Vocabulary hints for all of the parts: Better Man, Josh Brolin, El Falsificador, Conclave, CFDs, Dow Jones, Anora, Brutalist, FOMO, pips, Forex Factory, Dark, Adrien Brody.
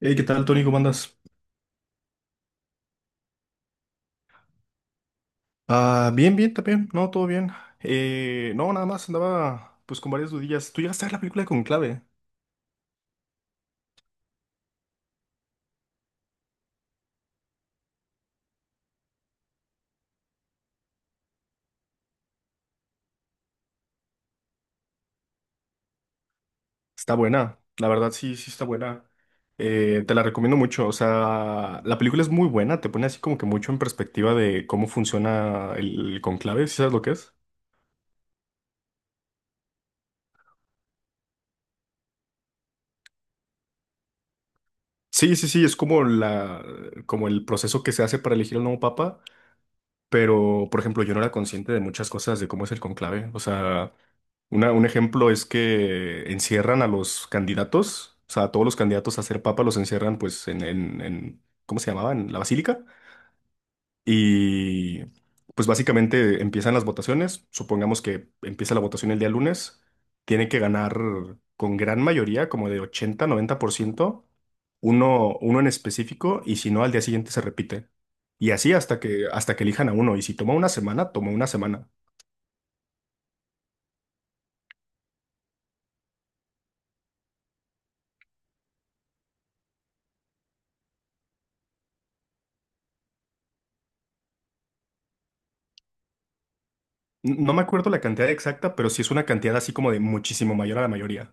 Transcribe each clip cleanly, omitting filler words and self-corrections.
Hey, ¿qué tal, Tony? ¿Cómo andas? Ah, bien, bien, también. No, todo bien. No, nada más andaba pues con varias dudillas. ¿Tú llegaste a ver la película con clave? Está buena, la verdad sí, sí está buena. Te la recomiendo mucho. O sea, la película es muy buena, te pone así como que mucho en perspectiva de cómo funciona el conclave, ¿sí sabes lo que es? Sí, sí, sí, es como el proceso que se hace para elegir al nuevo papa. Pero, por ejemplo, yo no era consciente de muchas cosas de cómo es el conclave. O sea, un ejemplo es que encierran a los candidatos, o sea, a todos los candidatos a ser papa los encierran pues en ¿cómo se llamaba? En la basílica. Y pues básicamente empiezan las votaciones. Supongamos que empieza la votación el día lunes. Tiene que ganar con gran mayoría, como de 80-90% uno en específico, y si no, al día siguiente se repite. Y así hasta que elijan a uno. Y si toma una semana, toma una semana. No me acuerdo la cantidad exacta, pero sí es una cantidad así como de muchísimo mayor a la mayoría.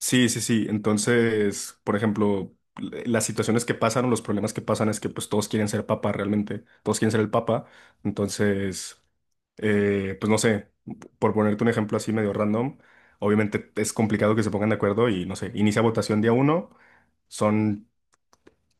Sí, sí, sí. Entonces, por ejemplo, las situaciones que pasan o los problemas que pasan es que pues todos quieren ser papa realmente, todos quieren ser el papa. Entonces, pues no sé, por ponerte un ejemplo así medio random, obviamente es complicado que se pongan de acuerdo y no sé, inicia votación día uno, son,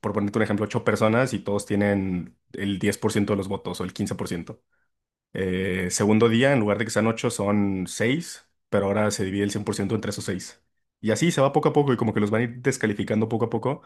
por ponerte un ejemplo, ocho personas y todos tienen el 10% de los votos o el 15%. Segundo día, en lugar de que sean ocho, son seis, pero ahora se divide el 100% entre esos seis. Y así se va poco a poco y como que los van a ir descalificando poco a poco,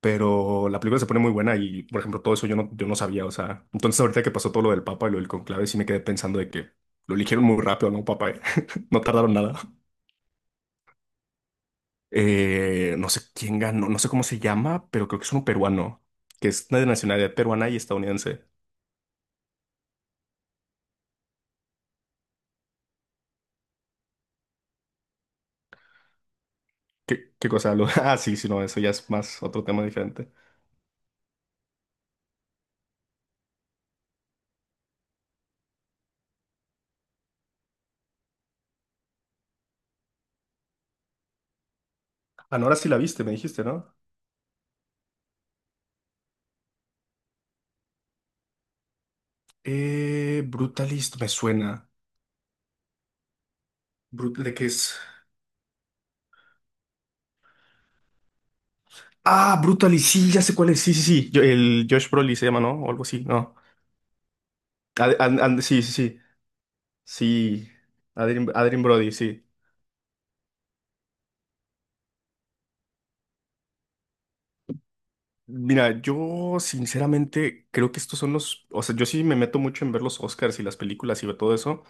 pero la película se pone muy buena y, por ejemplo, todo eso yo no sabía, o sea, entonces ahorita que pasó todo lo del Papa y lo del conclave, sí me quedé pensando de que lo eligieron muy rápido, ¿no, Papa? ¿eh? No tardaron nada. No sé quién ganó, no sé cómo se llama, pero creo que es uno peruano, que es de nacionalidad peruana y estadounidense. ¿Qué, qué cosa? Lo- Ah, sí, sí, no, eso ya es más otro tema diferente. Anora sí la viste, me dijiste, ¿no? Brutalist me suena. ¿De qué es? Ah, Brutalist, sí, ya sé cuál es. Sí, sí, sí. El Josh Brolin se llama, ¿no? O algo así, ¿no? Sí, sí, sí. Sí. Adrien, Adrien Brody, sí. Mira, yo sinceramente creo que estos son los. O sea, yo sí me meto mucho en ver los Oscars y las películas y ver todo eso.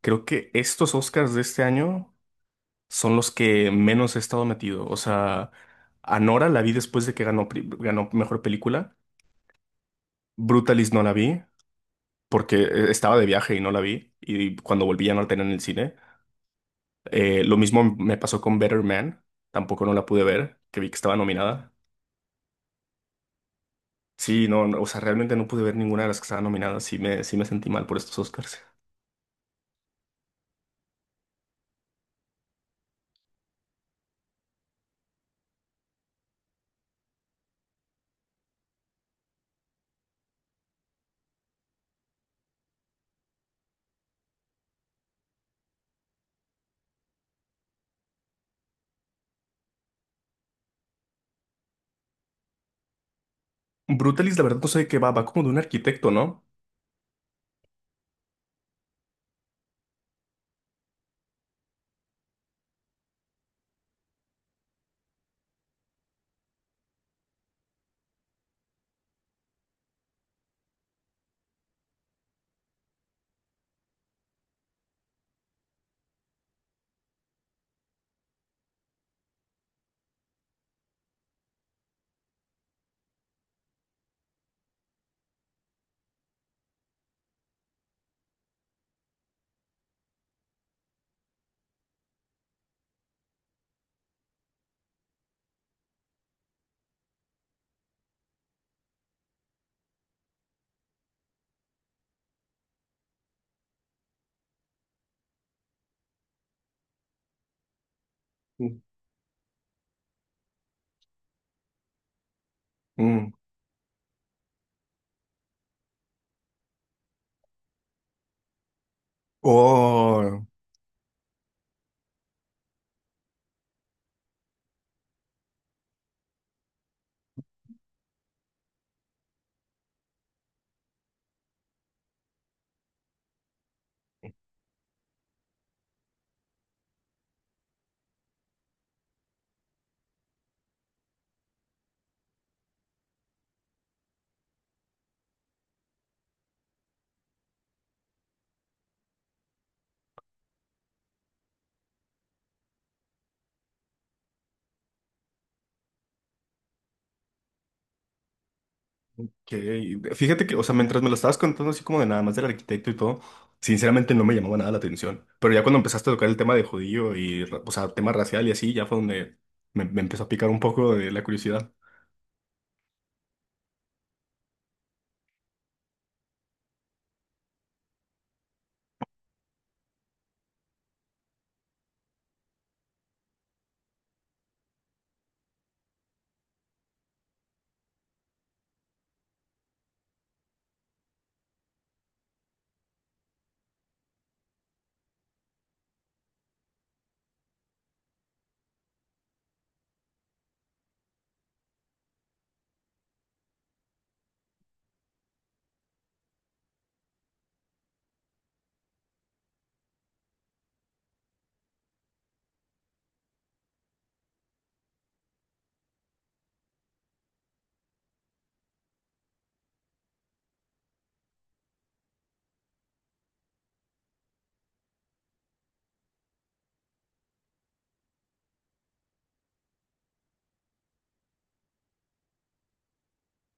Creo que estos Oscars de este año son los que menos he estado metido. O sea, Anora la vi después de que ganó, ganó mejor película. Brutalis no la vi porque estaba de viaje y no la vi. Y cuando volví ya no la tenía en el cine. Lo mismo me pasó con Better Man. Tampoco no la pude ver, que vi que estaba nominada. Sí, no, no, o sea, realmente no pude ver ninguna de las que estaban nominadas. Sí me sentí mal por estos Oscars. Brutalis, la verdad, no sé de qué va. Va como de un arquitecto, ¿no? Mm. Mm. Oh. Que, fíjate que, o sea, mientras me lo estabas contando así como de nada más del arquitecto y todo, sinceramente no me llamaba nada la atención. Pero ya cuando empezaste a tocar el tema de judío y, o sea, tema racial y así, ya fue donde me empezó a picar un poco de la curiosidad.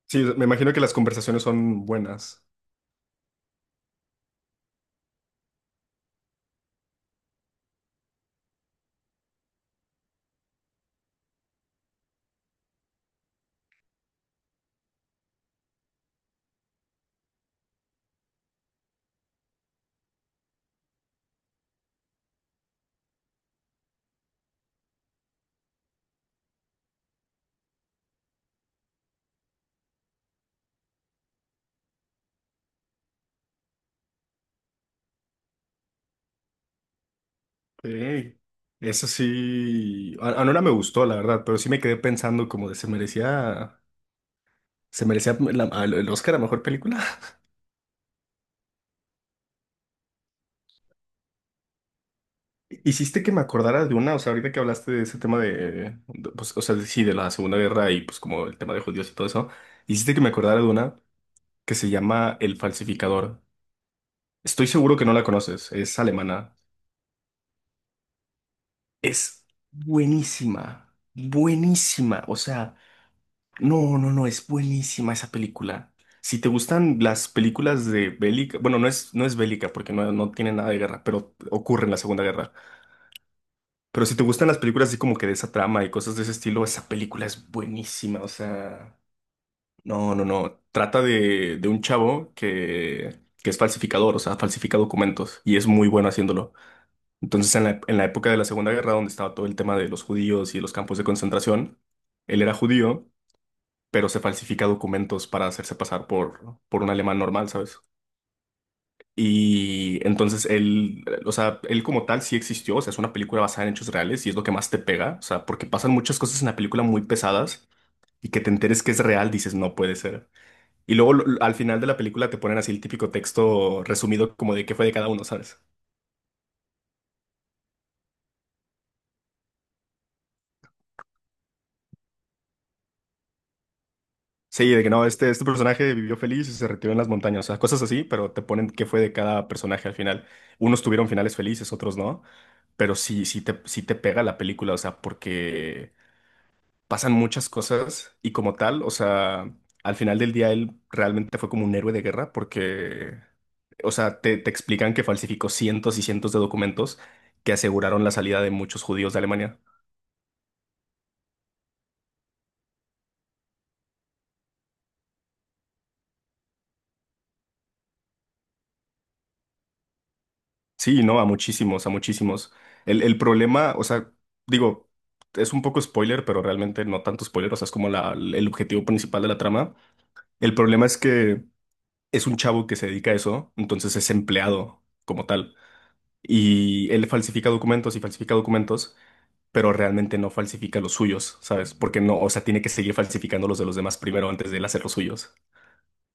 Sí, me imagino que las conversaciones son buenas. Ok. Eso sí, a Nora me gustó, la verdad, pero sí me quedé pensando como de se merecía el Oscar a mejor película. Hiciste que me acordara de una, o sea, ahorita que hablaste de ese tema de, pues, o sea, sí, de la Segunda Guerra y pues como el tema de judíos y todo eso, hiciste que me acordara de una que se llama El Falsificador. Estoy seguro que no la conoces, es alemana. Es buenísima, buenísima, o sea, no, no, no, es buenísima esa película. Si te gustan las películas de bélica, bueno, no es bélica porque no tiene nada de guerra, pero ocurre en la Segunda Guerra. Pero si te gustan las películas así como que de esa trama y cosas de ese estilo, esa película es buenísima. O sea, no, no, no. Trata de un chavo que es falsificador, o sea, falsifica documentos y es muy bueno haciéndolo. Entonces, en la época de la Segunda Guerra, donde estaba todo el tema de los judíos y los campos de concentración, él era judío, pero se falsifica documentos para hacerse pasar por un alemán normal, ¿sabes? Y entonces él, o sea, él como tal sí existió, o sea, es una película basada en hechos reales y es lo que más te pega, o sea, porque pasan muchas cosas en la película muy pesadas y que te enteres que es real, dices, no puede ser. Y luego lo- al final de la película te ponen así el típico texto resumido como de qué fue de cada uno, ¿sabes? Sí, de que no, este personaje vivió feliz y se retiró en las montañas, o sea, cosas así, pero te ponen qué fue de cada personaje al final. Unos tuvieron finales felices, otros no, pero sí, sí te pega la película, o sea, porque... pasan muchas cosas y como tal, o sea, al final del día él realmente fue como un héroe de guerra porque, o sea, te explican que falsificó cientos y cientos de documentos que aseguraron la salida de muchos judíos de Alemania. Sí, no, a muchísimos, a muchísimos. El problema, o sea, digo, es un poco spoiler, pero realmente no tanto spoiler, o sea, es como el objetivo principal de la trama. El problema es que es un chavo que se dedica a eso, entonces es empleado como tal. Y él falsifica documentos y falsifica documentos, pero realmente no falsifica los suyos, ¿sabes? Porque no, o sea, tiene que seguir falsificando los de los demás primero antes de él hacer los suyos.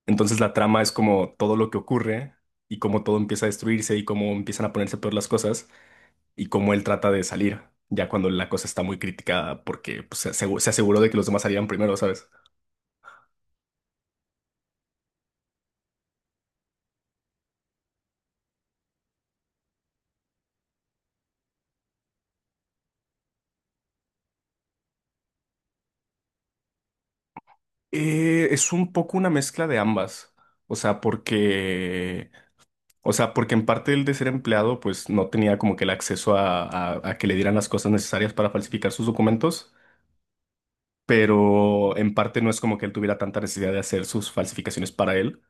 Entonces la trama es como todo lo que ocurre y cómo todo empieza a destruirse y cómo empiezan a ponerse peor las cosas y cómo él trata de salir, ya cuando la cosa está muy criticada porque pues, se aseguró de que los demás salieran primero, ¿sabes? Es un poco una mezcla de ambas. O sea, porque O sea, porque en parte el de ser empleado, pues no tenía como que el acceso a que le dieran las cosas necesarias para falsificar sus documentos, pero en parte no es como que él tuviera tanta necesidad de hacer sus falsificaciones para él,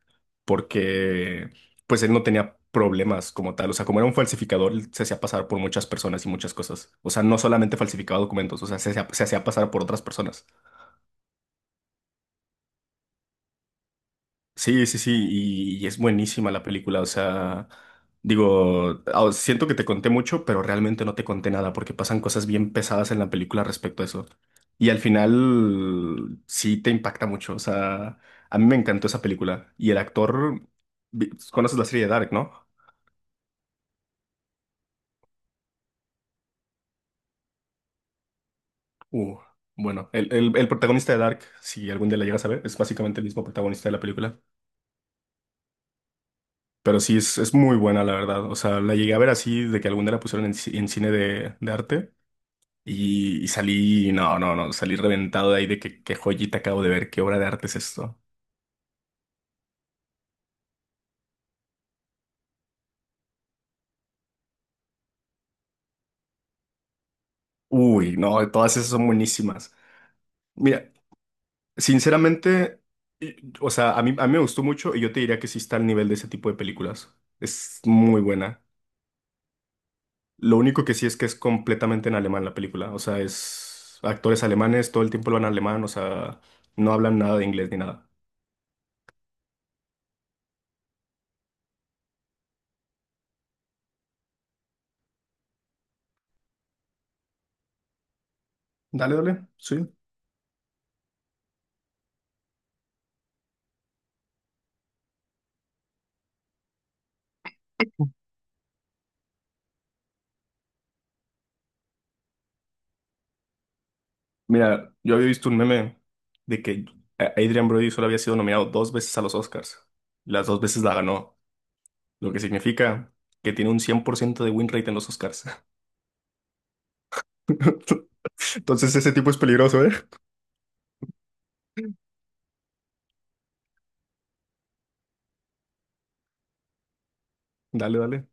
porque pues él no tenía problemas como tal. O sea, como era un falsificador, él se hacía pasar por muchas personas y muchas cosas. O sea, no solamente falsificaba documentos, o sea, se hacía pasar por otras personas. Sí, sí, sí, y es buenísima la película, o sea, digo, ah, siento que te conté mucho, pero realmente no te conté nada porque pasan cosas bien pesadas en la película respecto a eso. Y al final sí te impacta mucho, o sea, a mí me encantó esa película. Y el actor, conoces la serie de Dark, ¿no? Uh, bueno, el protagonista de Dark, si algún día la llegas a ver, es básicamente el mismo protagonista de la película. Pero sí, es muy buena, la verdad. O sea, la llegué a ver así de que algún día la pusieron en cine de arte. Y salí, no, no, no, salí reventado de ahí de que qué joyita acabo de ver, qué obra de arte es esto. Uy, no, todas esas son buenísimas. Mira, sinceramente, y- o sea, a mí me gustó mucho y yo te diría que sí está al nivel de ese tipo de películas. Es muy buena. Lo único que sí es que es completamente en alemán la película. O sea, es actores alemanes, todo el tiempo lo van alemán, o sea, no hablan nada de inglés ni nada. Dale, dale, sí. Mira, yo había visto un meme de que Adrian Brody solo había sido nominado dos veces a los Oscars. Las dos veces la ganó, lo que significa que tiene un 100% de win rate en los Oscars. Entonces ese tipo es peligroso, ¿eh? Dale, dale.